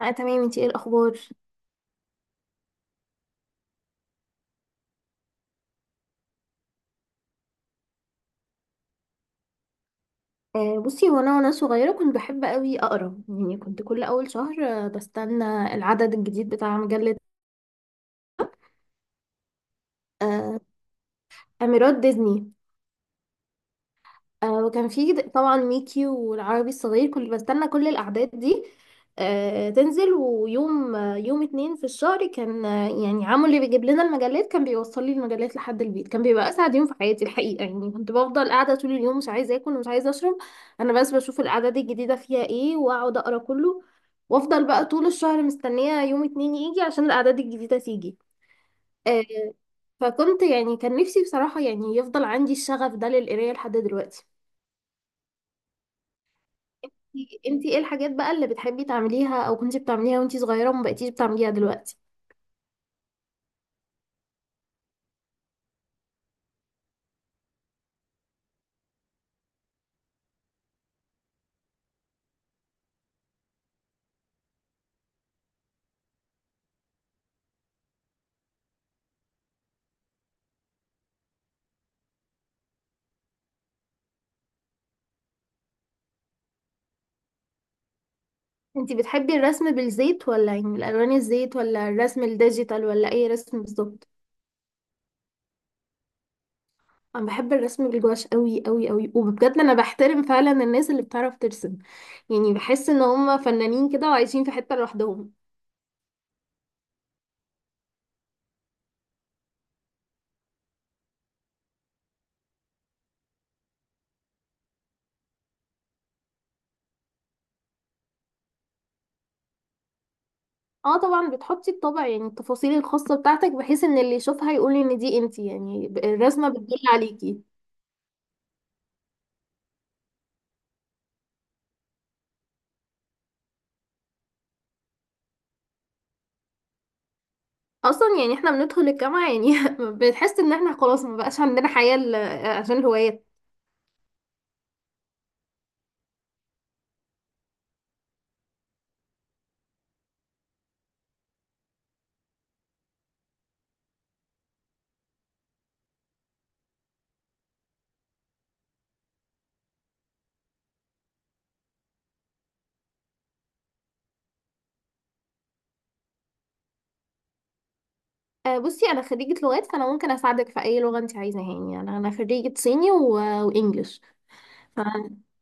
اه، تمام. انتي ايه الاخبار؟ بصي، هو انا وانا صغيره كنت بحب قوي اقرا. يعني كنت كل اول شهر بستنى العدد الجديد بتاع مجله. آه اميرات ديزني. وكان في طبعا ميكي والعربي الصغير، كنت بستنى كل الأعداد دي تنزل. ويوم آه يوم اتنين في الشهر كان، يعني عمو اللي بيجيب لنا المجلات كان بيوصل لي المجلات لحد البيت. كان بيبقى أسعد يوم في حياتي الحقيقة. يعني كنت بفضل قاعدة طول اليوم، مش عايزة آكل ومش عايزة أشرب. أنا بس بشوف الأعداد الجديدة فيها إيه وأقعد أقرأ كله، وأفضل بقى طول الشهر مستنية يوم اتنين يجي عشان الأعداد الجديدة تيجي. آه فكنت يعني كان نفسي بصراحة يعني يفضل عندي الشغف ده للقراية لحد دلوقتي. انتي ايه الحاجات بقى اللي بتحبي تعمليها او كنتي بتعمليها وانتي صغيرة وما بقيتيش بتعمليها دلوقتي؟ انتي بتحبي الرسم بالزيت ولا يعني الالوان الزيت، ولا الرسم الديجيتال، ولا اي رسم بالظبط؟ انا بحب الرسم بالجواش قوي قوي قوي، وبجد انا بحترم فعلا الناس اللي بتعرف ترسم. يعني بحس ان هم فنانين كده وعايشين في حتة لوحدهم. اه طبعا، بتحطي الطبع، يعني التفاصيل الخاصة بتاعتك، بحيث ان اللي يشوفها يقول ان دي انتي. يعني الرسمة بتدل عليكي. اصلا يعني احنا بندخل الجامعه يعني بنحس ان احنا خلاص ما بقاش عندنا حياه، عشان الهوايات. بصي انا خريجه لغات، فانا ممكن اساعدك في اي لغه انت عايزاها. يعني انا خريجه صيني وانجليش. ف...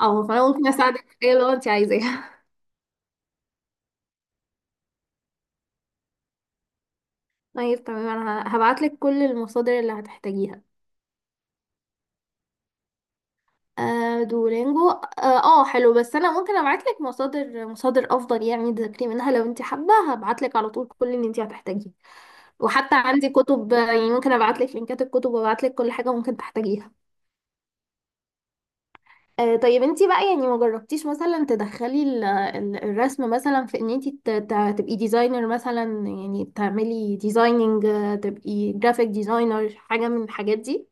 اه فانا ممكن اساعدك في اي لغه انت عايزاها. طيب تمام، انا هبعت لك كل المصادر اللي هتحتاجيها. آه، دولينجو اه. حلو، بس انا ممكن ابعت لك مصادر افضل يعني تذاكري منها لو انت حابه. هبعت لك على طول كل اللي انت هتحتاجيه، وحتى عندي كتب، يعني ممكن ابعت لك لينكات الكتب وابعت لك كل حاجه ممكن تحتاجيها. طيب انتي بقى يعني ما جربتيش مثلا تدخلي الرسم مثلا في ان انتي تبقي ديزاينر مثلا، يعني تعملي ديزايننج، تبقي جرافيك ديزاينر، حاجه من الحاجات دي؟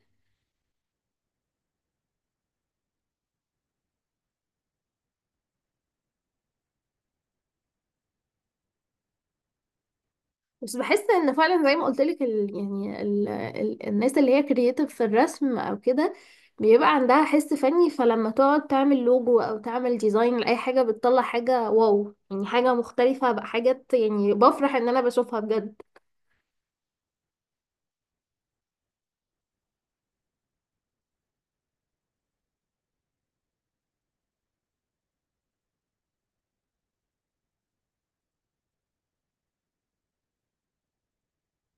بس بحس ان فعلا زي ما قلت لك، ال... يعني ال... ال... الناس اللي هي كرييتيف في الرسم او كده بيبقى عندها حس فني، فلما تقعد تعمل لوجو او تعمل ديزاين لاي حاجه بتطلع حاجه واو. يعني حاجه مختلفه، بقى حاجات يعني بفرح ان انا بشوفها بجد.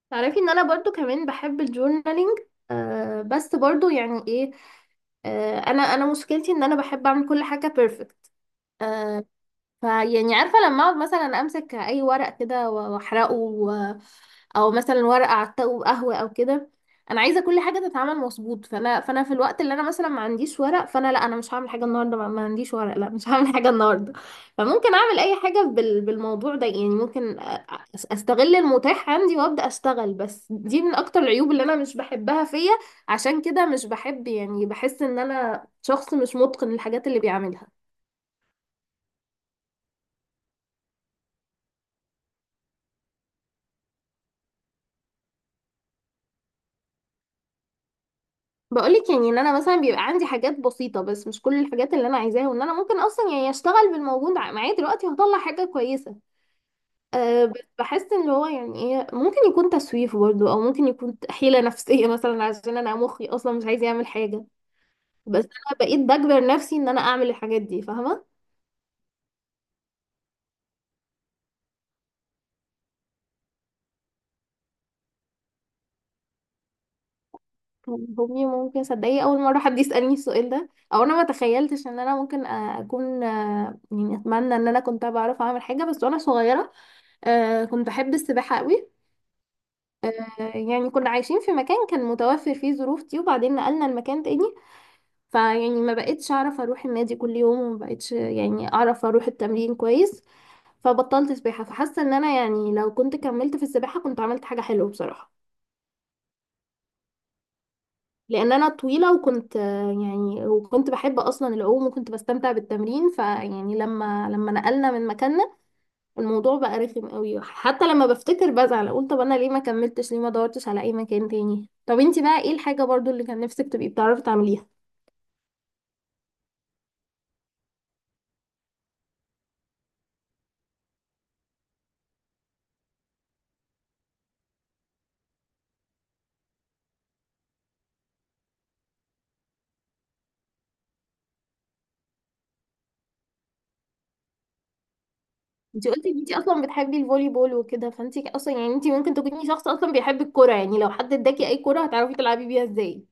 تعرفي ان انا برضو كمان بحب الجورنالينج؟ بس برضو يعني ايه، انا مشكلتي ان انا بحب اعمل كل حاجه بيرفكت. آه فيعني عارفه، لما اقعد مثلا امسك اي ورق كده واحرقه، او مثلا ورقه على الطاوله وقهوه او كده، انا عايزه كل حاجه تتعمل مظبوط. فانا في الوقت اللي انا مثلا ما عنديش ورق، فانا لا انا مش هعمل حاجه النهارده. ما عنديش ورق، لا مش هعمل حاجه النهارده. فممكن اعمل اي حاجه بالموضوع ده. يعني ممكن استغل المتاح عندي وابدا اشتغل، بس دي من اكتر العيوب اللي انا مش بحبها فيا. عشان كده مش بحب، يعني بحس ان انا شخص مش متقن الحاجات اللي بيعملها. بقولك يعني ان انا مثلا بيبقى عندي حاجات بسيطة، بس مش كل الحاجات اللي انا عايزاها، وان انا ممكن اصلا يعني اشتغل بالموجود معايا دلوقتي وهطلع حاجة كويسة. بس بحس ان هو يعني ايه، ممكن يكون تسويف برضه، او ممكن يكون حيلة نفسية مثلا، عشان انا مخي اصلا مش عايز يعمل حاجة. بس انا بقيت بجبر نفسي ان انا اعمل الحاجات دي، فاهمة؟ كان هوبي ممكن، صدقي اول مرة حد يسألني السؤال ده، او انا ما تخيلتش ان انا ممكن اكون يعني اتمنى ان انا كنت بعرف اعمل حاجة بس وانا صغيرة. أه، كنت بحب السباحة قوي. يعني كنا عايشين في مكان كان متوفر فيه ظروف دي، وبعدين نقلنا المكان تاني. فيعني ما بقتش اعرف اروح النادي كل يوم، وما بقتش يعني اعرف اروح التمرين كويس. فبطلت سباحة، فحاسة ان انا يعني لو كنت كملت في السباحة كنت عملت حاجة حلوة بصراحة. لان انا طويلة، وكنت يعني، وكنت بحب اصلا العوم، وكنت بستمتع بالتمرين. فيعني لما نقلنا من مكاننا الموضوع بقى رخم قوي. حتى لما بفتكر بزعل اقول طب انا ليه ما كملتش، ليه ما دورتش على اي مكان تاني. طب انتي بقى ايه الحاجة برضو اللي كان نفسك تبقي بتعرفي تعمليها؟ انتي قلتي ان انتي اصلا بتحبي الفولي بول وكده، فانتي اصلا يعني انتي ممكن تكوني شخص اصلا بيحب الكرة. يعني لو حد اداكي اي كرة هتعرفي تلعبي بيها ازاي.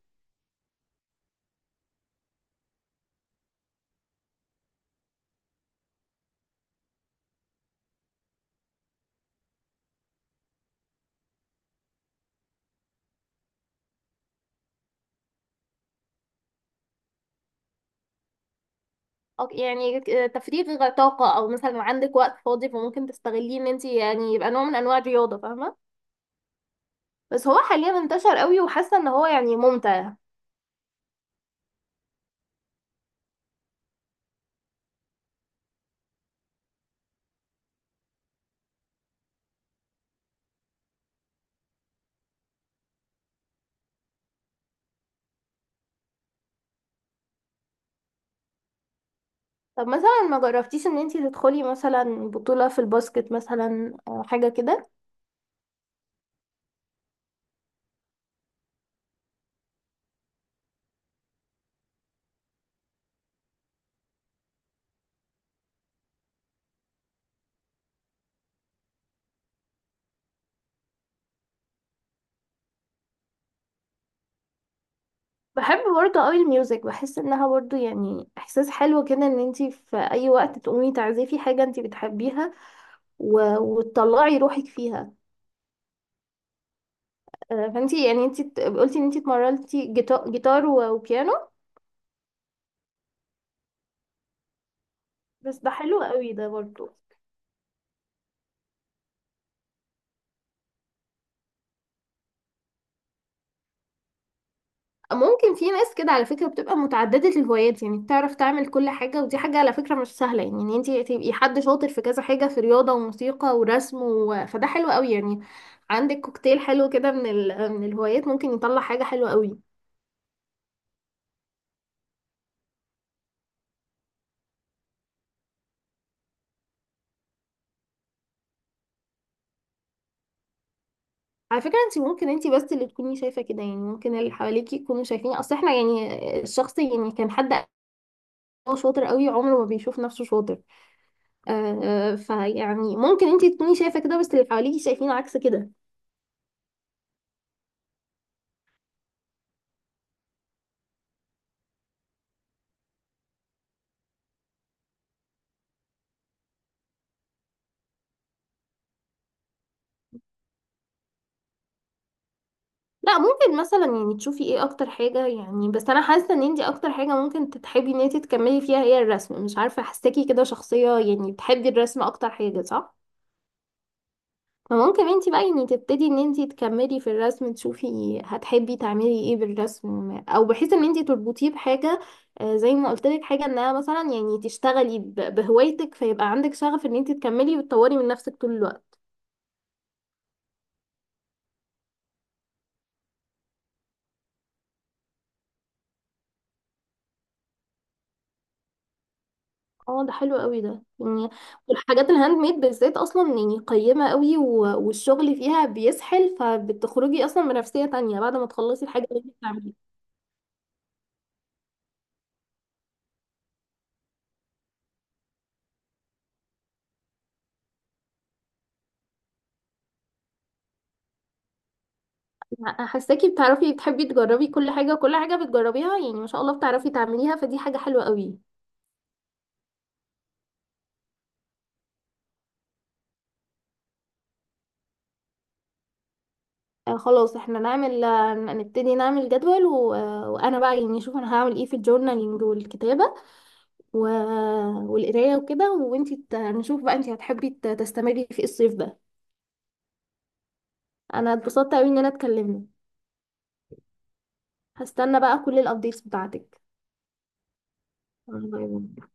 أو يعني تفريغ طاقة، او مثلا عندك وقت فاضي فممكن تستغليه ان انتي يعني يبقى نوع من انواع الرياضة، فاهمة؟ بس هو حاليا انتشر قوي، وحاسة ان هو يعني ممتع. طب مثلا ما جربتيش ان انتي تدخلي مثلا بطولة في الباسكت مثلا، حاجة كده؟ بحب برضه قوي الميوزك، بحس انها برضه يعني احساس حلو كده ان انتي في اي وقت تقومي تعزفي حاجة انتي بتحبيها وتطلعي روحك فيها. فانتي يعني انتي قلتي ان انتي اتمرنتي جيتار وبيانو. بس ده حلو قوي ده برضه. ممكن في ناس كده على فكرة بتبقى متعددة الهوايات، يعني بتعرف تعمل كل حاجة، ودي حاجة على فكرة مش سهلة. يعني ان انتي تبقي حد شاطر في كذا حاجة، في رياضة وموسيقى ورسم فده حلو قوي يعني. عندك كوكتيل حلو كده من الهوايات، ممكن يطلع حاجة حلوة قوي. على فكرة انتي ممكن انتي بس اللي تكوني شايفة كده، يعني ممكن اللي حواليكي يكونوا شايفين، اصل احنا يعني الشخص يعني كان حد هو شاطر قوي عمره ما بيشوف نفسه شاطر. فيعني ممكن انتي تكوني شايفة كده بس اللي حواليكي شايفين عكس كده. لا ممكن مثلا يعني تشوفي ايه اكتر حاجة، يعني بس انا حاسة ان انتي اكتر حاجة ممكن تتحبي ان انتي تكملي فيها هي الرسم. مش عارفة، حاساكي كده شخصية يعني بتحبي الرسم اكتر حاجة، صح؟ فممكن انتي بقى يعني تبتدي ان انتي تكملي في الرسم، تشوفي هتحبي تعملي ايه بالرسم، او بحيث ان انتي تربطيه بحاجة. زي ما قلت لك، حاجة انها مثلا يعني تشتغلي بهوايتك، فيبقى عندك شغف ان انتي تكملي وتطوري من نفسك طول الوقت. اه ده حلو قوي ده يعني. والحاجات الهاند ميد بالذات اصلا يعني قيمة قوي، والشغل فيها بيسحل، فبتخرجي اصلا بنفسية تانية بعد ما تخلصي الحاجة اللي انت بتعمليها. انا حاساكي بتعرفي بتحبي تجربي كل حاجة، وكل حاجة بتجربيها يعني ما شاء الله بتعرفي تعمليها، فدي حاجة حلوة قوي. خلاص احنا نعمل، نبتدي نعمل جدول و... آه، وانا بقى يعني اشوف انا هعمل ايه في الجورنالينج والكتابة و... والقراية وكده، وانتي نشوف بقى انتي هتحبي تستمري في إيه الصيف ده. انا اتبسطت قوي اننا اتكلمنا. هستنى بقى كل الابديتس بتاعتك. باي باي.